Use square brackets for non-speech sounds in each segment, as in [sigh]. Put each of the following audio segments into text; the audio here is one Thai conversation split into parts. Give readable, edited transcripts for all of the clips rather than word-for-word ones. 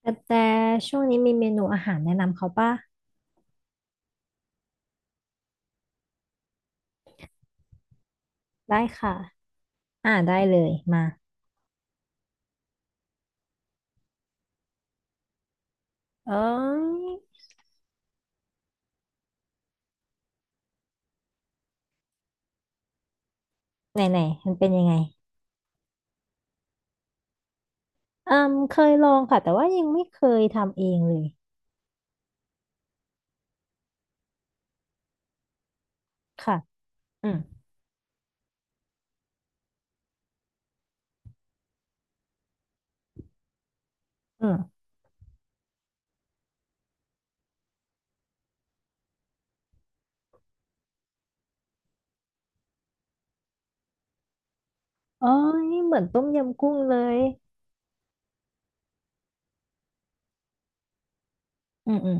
แต่ช่วงนี้มีเมนูอาหารแนะนำเขาป่ะ ได้ค่ะ ได้เลย มาเอ้ยไหนไหนมันเป็นยังไงอืมเคยลองค่ะแต่ว่ายังไม่เคยทำเองเลย ค่ะ อืมอืมเอ้ยเหมือนต้มยำกุ้งเลย อืมอืม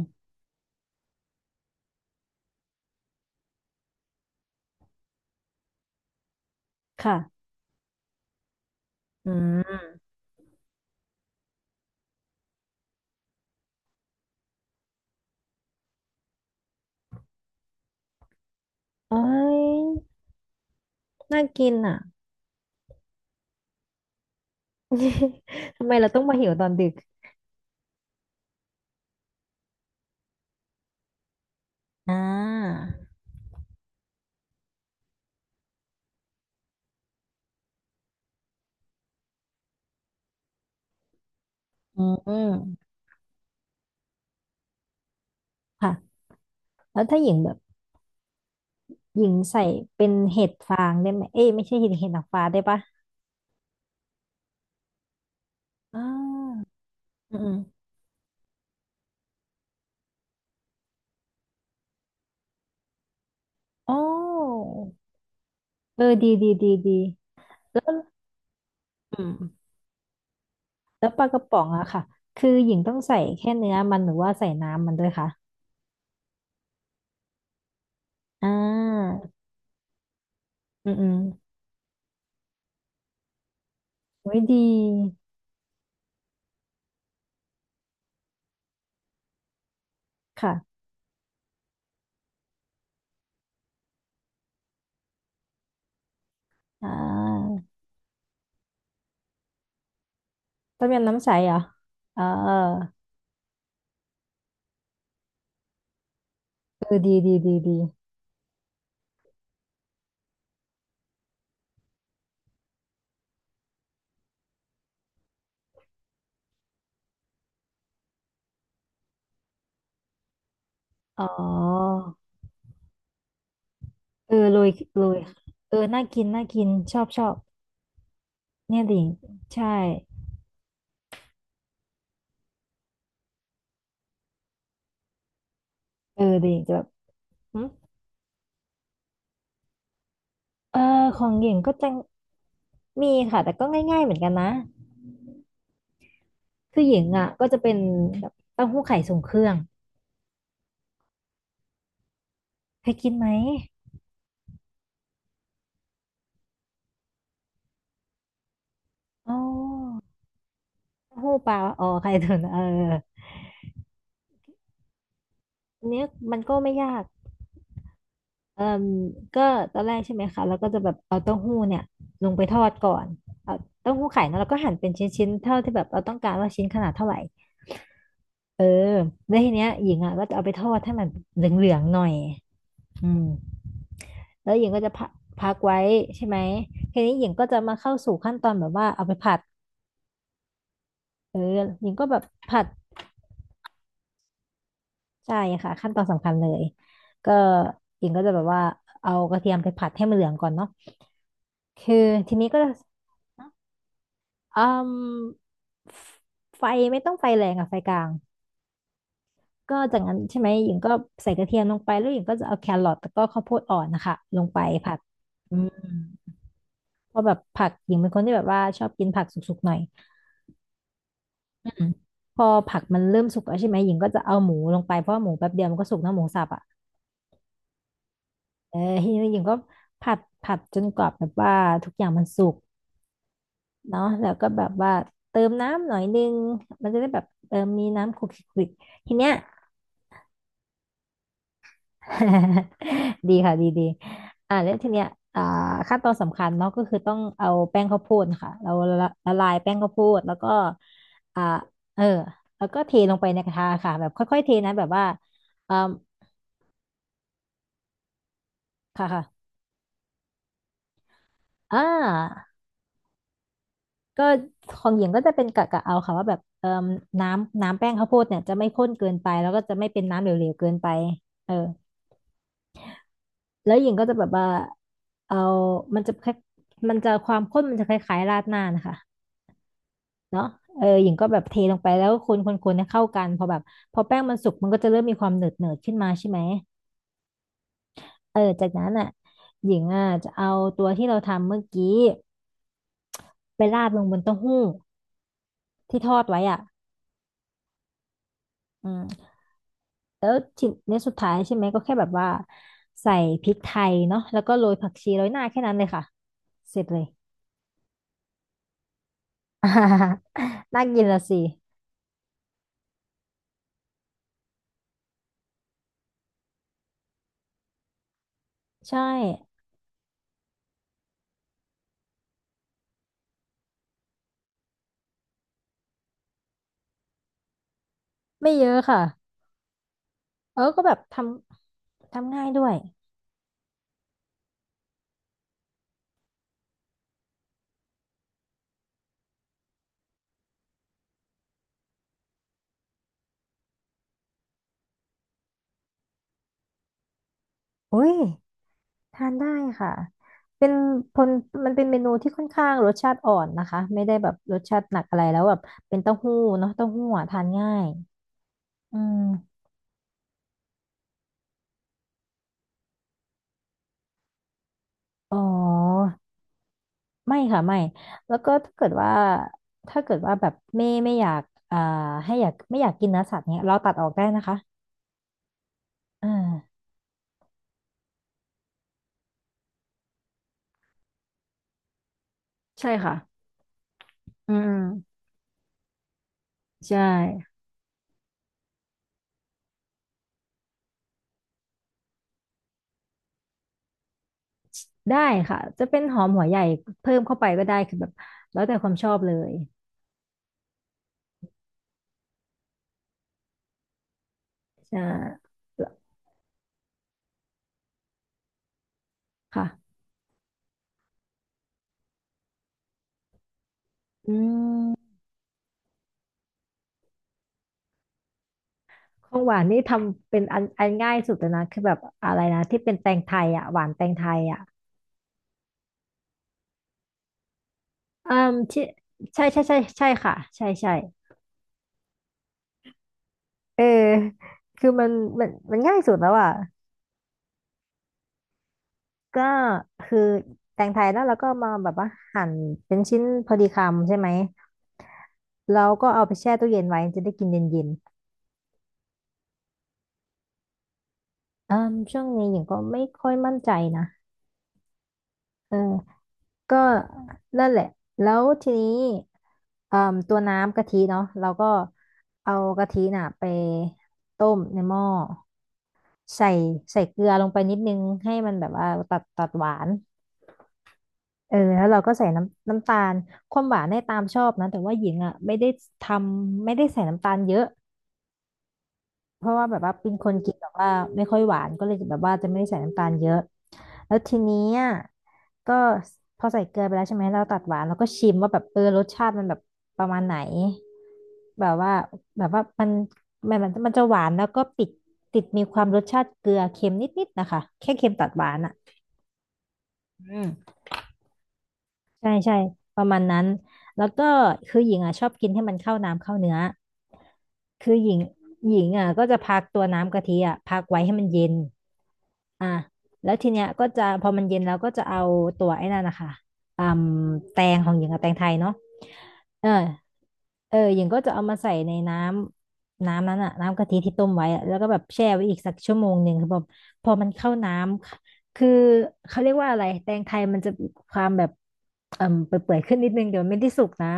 ค่ะอืมเอ้ยน่ากินอ่ะ [laughs] ทำไมเราต้องมาหิวตอนดึกอ่าอืมค่ะ แล้วถ้าหญิงแบบหญิงใส่เป็นเห็ดฟางได้ไหมเอ้ยไม่ใช่เห็ดเห็ดหนังฟ้าได้ปะ อ่าอืมอืมอ๋อเออดีดีดีดีแล้วอืมแล้วปลากระป๋องอะค่ะคือหญิงต้องใส่แค่เนื้อมันหรือว่าใส่น้ำมันด้วยคะอ่าอืมอืมไว้ยดีค่ะอ่าต้มยำน้ำใสเหรอเออเออดีดีดีดีอ๋อเออโรยโรยเออน่ากินน่ากินชอบชอบเนี่ยดิหญิงใช่เออดิหญิงจะแบบหึเออของหญิงก็จะมีค่ะแต่ก็ง่ายๆเหมือนกันนะ คือหญิงอ่ะก็จะเป็นแบบเต้าหู้ไข่ทรงเครื่องเคยกินไหมอ๋อเต้าหู้ปลาอ๋อไข่ตุ๋นเอออันเนี้ยมันก็ไม่ยากเอ่มก็ตอนแรกใช่ไหมคะแล้วก็จะแบบเอาเต้าหู้เนี่ยลงไปทอดก่อนเอาเต้าหู้ไข่นะแล้วก็หั่นเป็นชิ้นๆเท่าที่แบบเราต้องการว่าชิ้นขนาดเท่าไหร่เออแล้วทีเนี้ยหญิงอ่ะก็จะเอาไปทอดให้มันเหลืองๆหน่อยอืมแล้วหญิงก็จะพักพักไว้ใช่ไหมทีนี้หญิงก็จะมาเข้าสู่ขั้นตอนแบบว่าเอาไปผัดเออหญิงก็แบบผัด ใช่ค่ะขั้นตอนสำคัญเลยก็หญิงก็จะแบบว่าเอากระเทียมไปผัดให้มันเหลืองก่อนเนาะคือทีนี้ก็จะอืมไฟไม่ต้องไฟแรงอะไฟกลางก็จากนั้นใช่ไหมหญิงก็ใส่กระเทียมลงไปแล้วหญิงก็จะเอาแครอทแล้วก็ข้าวโพดอ่อนนะคะลงไปผัดอืมเพราะแบบผักหญิงเป็นคนที่แบบว่าชอบกินผักสุกๆหน่อยอืมพอผักมันเริ่มสุกแล้วใช่ไหมหญิงก็จะเอาหมูลงไปเพราะว่าหมูแป๊บเดียวมันก็สุกนะหมูสับอะ เออทีนี้หญิงก็ผัดจนกว่าแบบว่าทุกอย่างมันสุกเนาะแล้วก็แบบว่าเติมน้ำหน่อยนึงมันจะได้แบบเออมีน้ำคลุกคลิกคลิกทีเนี้ย [laughs] ดีค่ะดีดีแล้วทีเนี้ยอ่าขั้นตอนสำคัญเนาะก็คือต้องเอาแป้งข้าวโพดค่ะเราละละลายแป้งข้าวโพดแล้วก็อ่าเออแล้วก็เทลงไปในกระทะค่ะแบบค่อยๆเทนะแบบว่าอ่าค่ะค่ะอ่า ก็ของหญิงก็จะเป็นกะเอาค่ะว่าแบบน้ำแป้งข้าวโพดเนี่ยจะไม่ข้นเกินไปแล้วก็จะไม่เป็นน้ำเหลวๆเกินไปเออแล้วหญิงก็จะแบบว่าเอามันจะแา่มันจะความข้นมันจะคล้ายๆราดหน้านะคะเนาะเออหญิงก็แบบเทลงไปแล้วคนให้เข้ากันพอแบบพอแป้งมันสุกมันก็จะเริ่มมีความหนืดหนืดขึ้นมาใช่ไหมเออจากนั้นอ่ะหญิงอ่ะจะเอาตัวที่เราทำเมื่อกี้ไปราดลงบนเต้าหู้ที่ทอดไว้อ่ะอืม แล้วทีในสุดท้ายใช่ไหมก็แค่แบบว่าใส่พริกไทยเนาะแล้วก็โรยผักชีโรยหน้าแค่นั้นเลยค่ะเสร็จเลย [laughs] อ่า [laughs] น่ากินละสิใช่ไม่เยอะค่ะเออก็แบบทำง่ายด้วยอุ้ยทานได้ค่ะเป็นผลมันเป็นเมนูที่ค่อนข้างรสชาติอ่อนนะคะไม่ได้แบบรสชาติหนักอะไรแล้วแบบเป็นเต้าหู้เนาะเต้าหู้อะทานง่ายอืมอ๋อ ไม่ค่ะไม่แล้วก็ถ้าเกิดว่าถ้าเกิดว่าแบบไม่อยากอ่าให้อยากไม่อยากกินเนื้อสัตว์เนี้ยเราตัดออกได้นะคะอ่าใช่ค่ะอืมใช่ได้ค่ะจะเป็นหอมหัวใหญ่เพิ่มเข้าไปก็ได้คือแบบแล้วแต่ความชอบเลยใช่ค่ะอืมของหวานนี่ทำเป็นอันง่ายสุดแล้วนะคือแบบอะไรนะที่เป็นแตงไทยอ่ะหวานแตงไทยอ่ะอืมที่ใช่ค่ะใช่ใช่ เออคือมันง่ายสุดแล้วอ่ะก็คือแตงไทยแล้วเราก็มาแบบว่าหั่นเป็นชิ้นพอดีคำใช่ไหม เราก็เอาไปแช่ตู้เย็นไว้จะได้กินเย็นๆอืมช่วงนี้หญิงก็ไม่ค่อยมั่นใจนะเออก็นั่นแหละ แล้วทีนี้เอ่มตัวน้ำกะทิเนาะเราก็เอากะทิน่ะไปต้มในหม้อใส่ใส่เกลือลงไปนิดนึงให้มันแบบว่าตัดตัดหวาน เออแล้วเราก็ใส่น้ำตาลความหวานได้ตามชอบนะแต่ว่าหญิงอ่ะไม่ได้ทไม่ได้ใส่น้ำตาลเยอะเพราะว่าแบบว่าเป็นคนกินแบบว่าไม่ค่อยหวานก็เลยแบบว่าจะไม่ได้ใส่น้ำตาลเยอะแล้วทีนี้อ่ะก็พอใส่เกลือไปแล้วใช่ไหมเราตัดหวานแล้วก็ชิมว่าแบบเออรสชาติมันแบบประมาณไหนแบบว่าแบบว่ามันจะหวานแล้วก็ติดติดมีความรสชาติเกลือเค็มนิดๆนะคะแค่เค็มตัดหวานอ่ะอืม ใช่ประมาณนั้นแล้วก็คือหญิงอ่ะชอบกินให้มันเข้าน้ำเข้าเนื้อคือหญิงอ่ะก็จะพักตัวน้ำกะทิอ่ะพักไว้ให้มันเย็นอ่ะแล้วทีเนี้ยก็จะพอมันเย็นแล้วก็จะเอาตัวไอ้นั่นนะคะอืมแตงของหญิงกับแตงไทยเนาะเออ เออหญิงก็จะเอามาใส่ในน้ำนั้นอะน้ำกะทิที่ต้มไว้อะแล้วก็แบบแช่ไว้อีกสัก1 ชั่วโมงคือแบบพอมันเข้าน้ำคือเขาเรียกว่าอะไรแตงไทยมันจะมีความแบบเอ่มเปื่อยๆขึ้นนิดนึงเดี๋ยวมันไม่ได้สุกนะ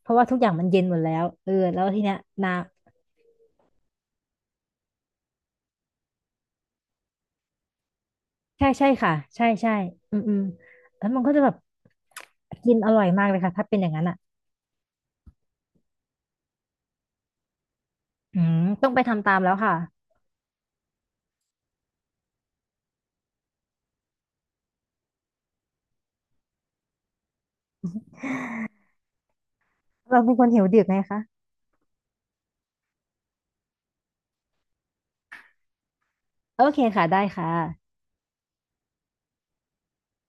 เพราะว่าทุกอย่างมันเย็นหมดแล้วเออแล้วทีเนี้ยน้ำใช่ค่ะใช่ใช่อืมอืมแล้วมันก็จะแบบกินอร่อยมากเลยค่ะถ้าเป็นอย่างนั้นอะอืมต้องไปทำตามแล้วค่ะเราเป็นคนหิวดึกไงคะโอเคค่ะได้ค่ะ